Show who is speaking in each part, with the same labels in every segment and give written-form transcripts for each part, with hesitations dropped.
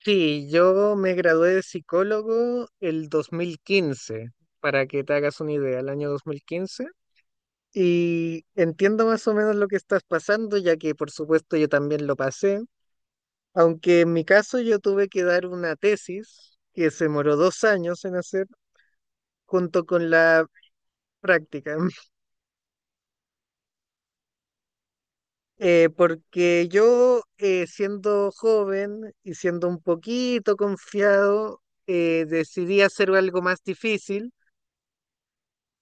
Speaker 1: Sí, yo me gradué de psicólogo el 2015, para que te hagas una idea, el año 2015. Y entiendo más o menos lo que estás pasando, ya que por supuesto yo también lo pasé, aunque en mi caso yo tuve que dar una tesis que se demoró 2 años en hacer junto con la práctica. Porque yo siendo joven y siendo un poquito confiado, decidí hacer algo más difícil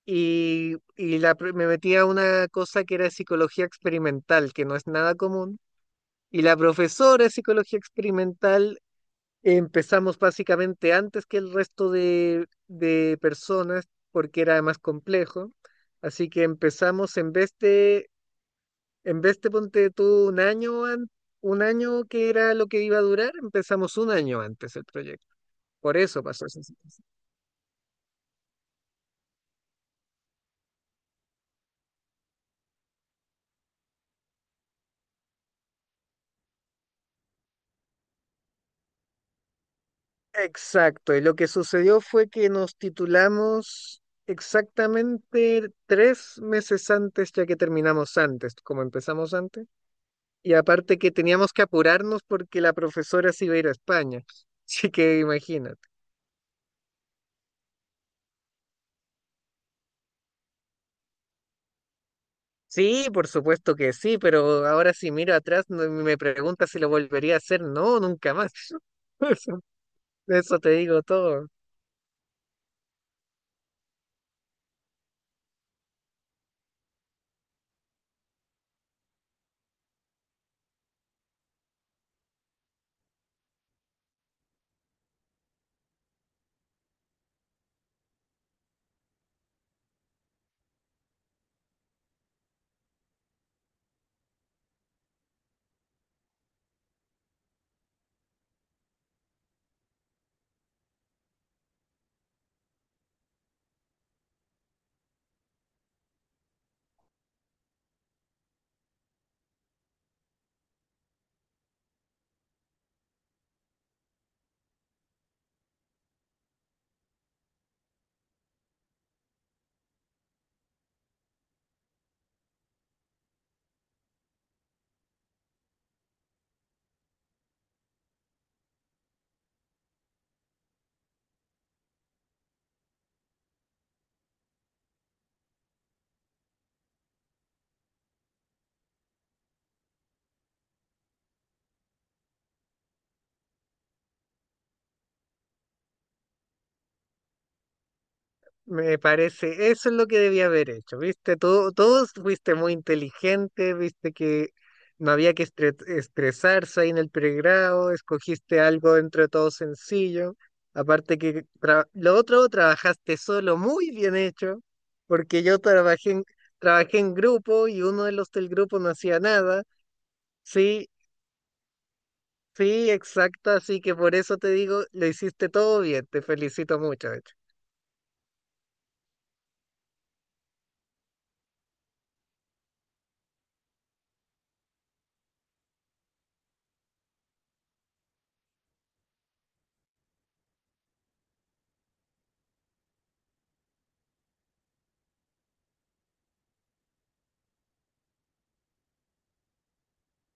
Speaker 1: y me metí a una cosa que era psicología experimental, que no es nada común. Y la profesora de psicología experimental, empezamos básicamente antes que el resto de personas, porque era más complejo. Así que empezamos en vez de ponte tú 1 año, 1 año que era lo que iba a durar, empezamos 1 año antes el proyecto. Por eso pasó eso. Exacto, y lo que sucedió fue que nos titulamos exactamente 3 meses antes, ya que terminamos antes, como empezamos antes, y aparte que teníamos que apurarnos porque la profesora se iba a ir a España, así que imagínate. Sí, por supuesto que sí, pero ahora si miro atrás me pregunta si lo volvería a hacer, no, nunca más. Eso, eso te digo todo. Me parece, eso es lo que debía haber hecho, ¿viste? Todos fuiste muy inteligente, viste que no había que estresarse ahí en el pregrado, escogiste algo entre todo sencillo, aparte que lo otro trabajaste solo, muy bien hecho, porque yo trabajé en grupo y uno de los del grupo no hacía nada. Sí, sí, exacto, así que por eso te digo, lo hiciste todo bien, te felicito mucho.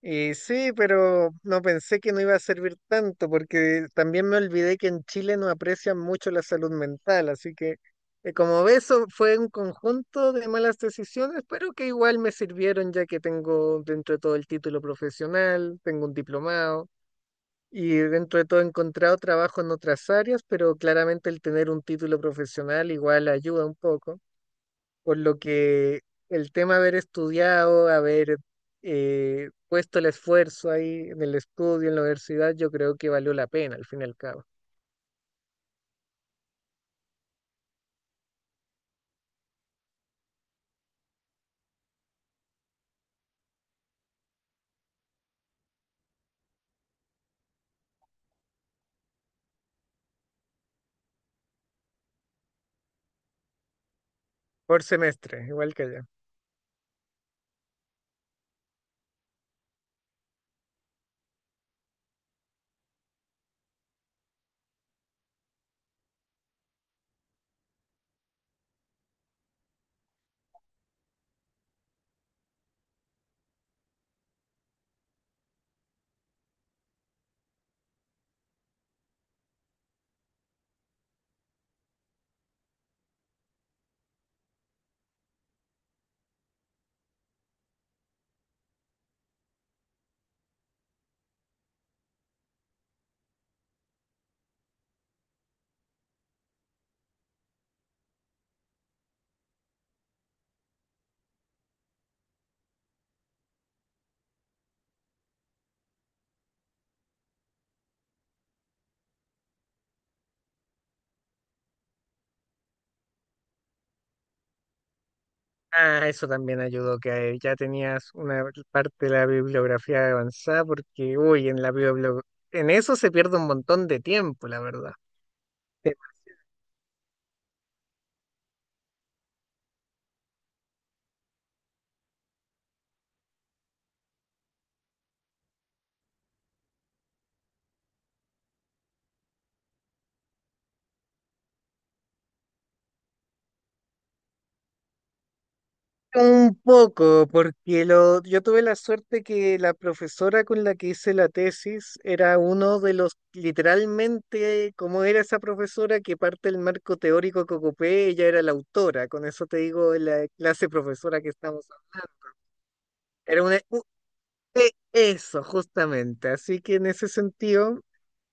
Speaker 1: Y sí, pero no pensé que no iba a servir tanto, porque también me olvidé que en Chile no aprecian mucho la salud mental, así que como ves, fue un conjunto de malas decisiones, pero que igual me sirvieron ya que tengo dentro de todo el título profesional, tengo un diplomado y dentro de todo he encontrado trabajo en otras áreas, pero claramente el tener un título profesional igual ayuda un poco. Por lo que el tema de haber estudiado, haber puesto el esfuerzo ahí en el estudio, en la universidad, yo creo que valió la pena al fin y al cabo. Por semestre, igual que allá. Ah, eso también ayudó, que ya tenías una parte de la bibliografía avanzada, porque, uy, en eso se pierde un montón de tiempo, la verdad. Un poco, porque yo tuve la suerte que la profesora con la que hice la tesis era uno de los, literalmente, como era esa profesora que parte del marco teórico que ocupé, ella era la autora, con eso te digo la clase profesora que estamos hablando. Era una, eso, justamente. Así que en ese sentido,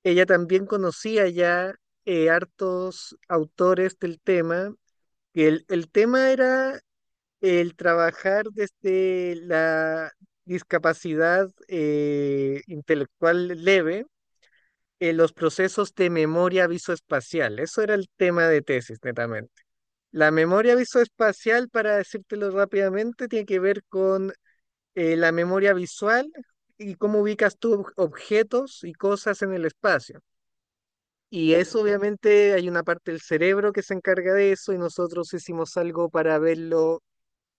Speaker 1: ella también conocía ya hartos autores del tema. Que El tema era el trabajar desde la discapacidad intelectual leve, los procesos de memoria visoespacial. Eso era el tema de tesis, netamente. La memoria visoespacial, para decírtelo rápidamente, tiene que ver con la memoria visual y cómo ubicas tú objetos y cosas en el espacio. Y eso obviamente hay una parte del cerebro que se encarga de eso y nosotros hicimos algo para verlo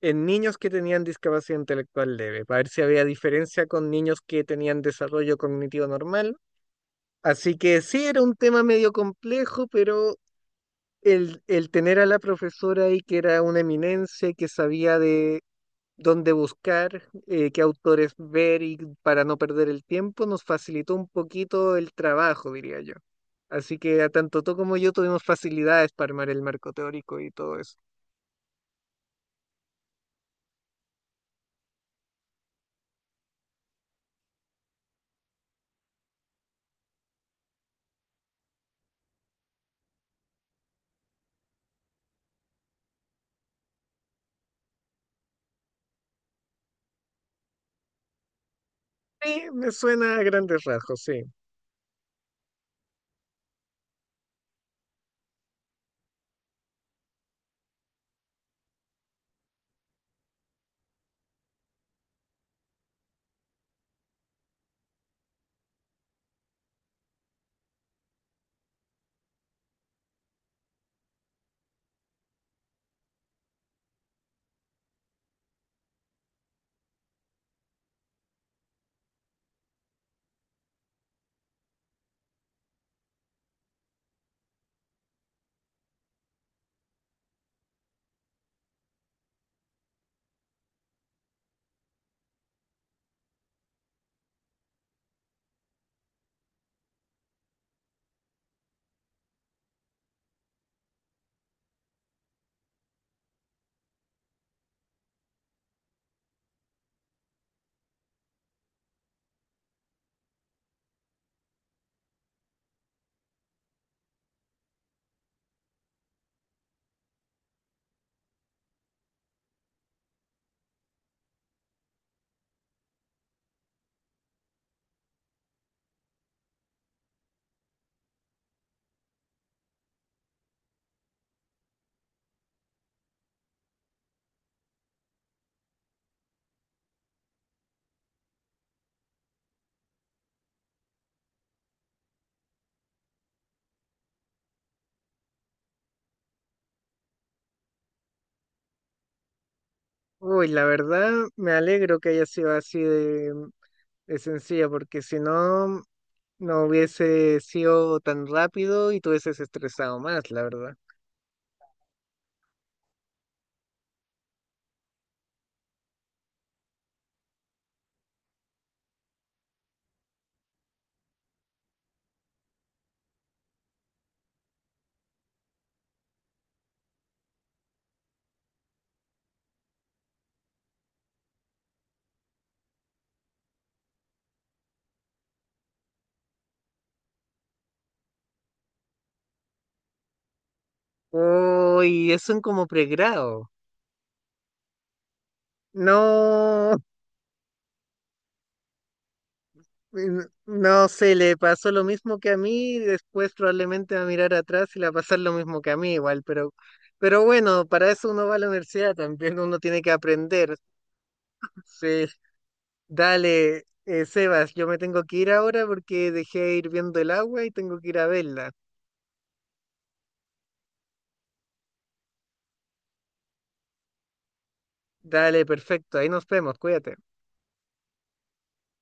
Speaker 1: en niños que tenían discapacidad intelectual leve, para ver si había diferencia con niños que tenían desarrollo cognitivo normal. Así que sí, era un tema medio complejo, pero el tener a la profesora ahí que era una eminencia y que sabía de dónde buscar, qué autores ver y para no perder el tiempo, nos facilitó un poquito el trabajo, diría yo. Así que a tanto tú como yo tuvimos facilidades para armar el marco teórico y todo eso. Sí, me suena a grandes rasgos, sí. Uy, la verdad me alegro que haya sido así de sencilla, porque si no, no hubiese sido tan rápido y te hubieses estresado más, la verdad. Uy, es un como pregrado. No, no se le pasó lo mismo que a mí, y después probablemente va a mirar atrás y le va a pasar lo mismo que a mí igual, pero bueno, para eso uno va a la universidad también, uno tiene que aprender. Sí. Dale, Sebas, yo me tengo que ir ahora porque dejé hirviendo el agua y tengo que ir a verla. Dale, perfecto, ahí nos vemos, cuídate.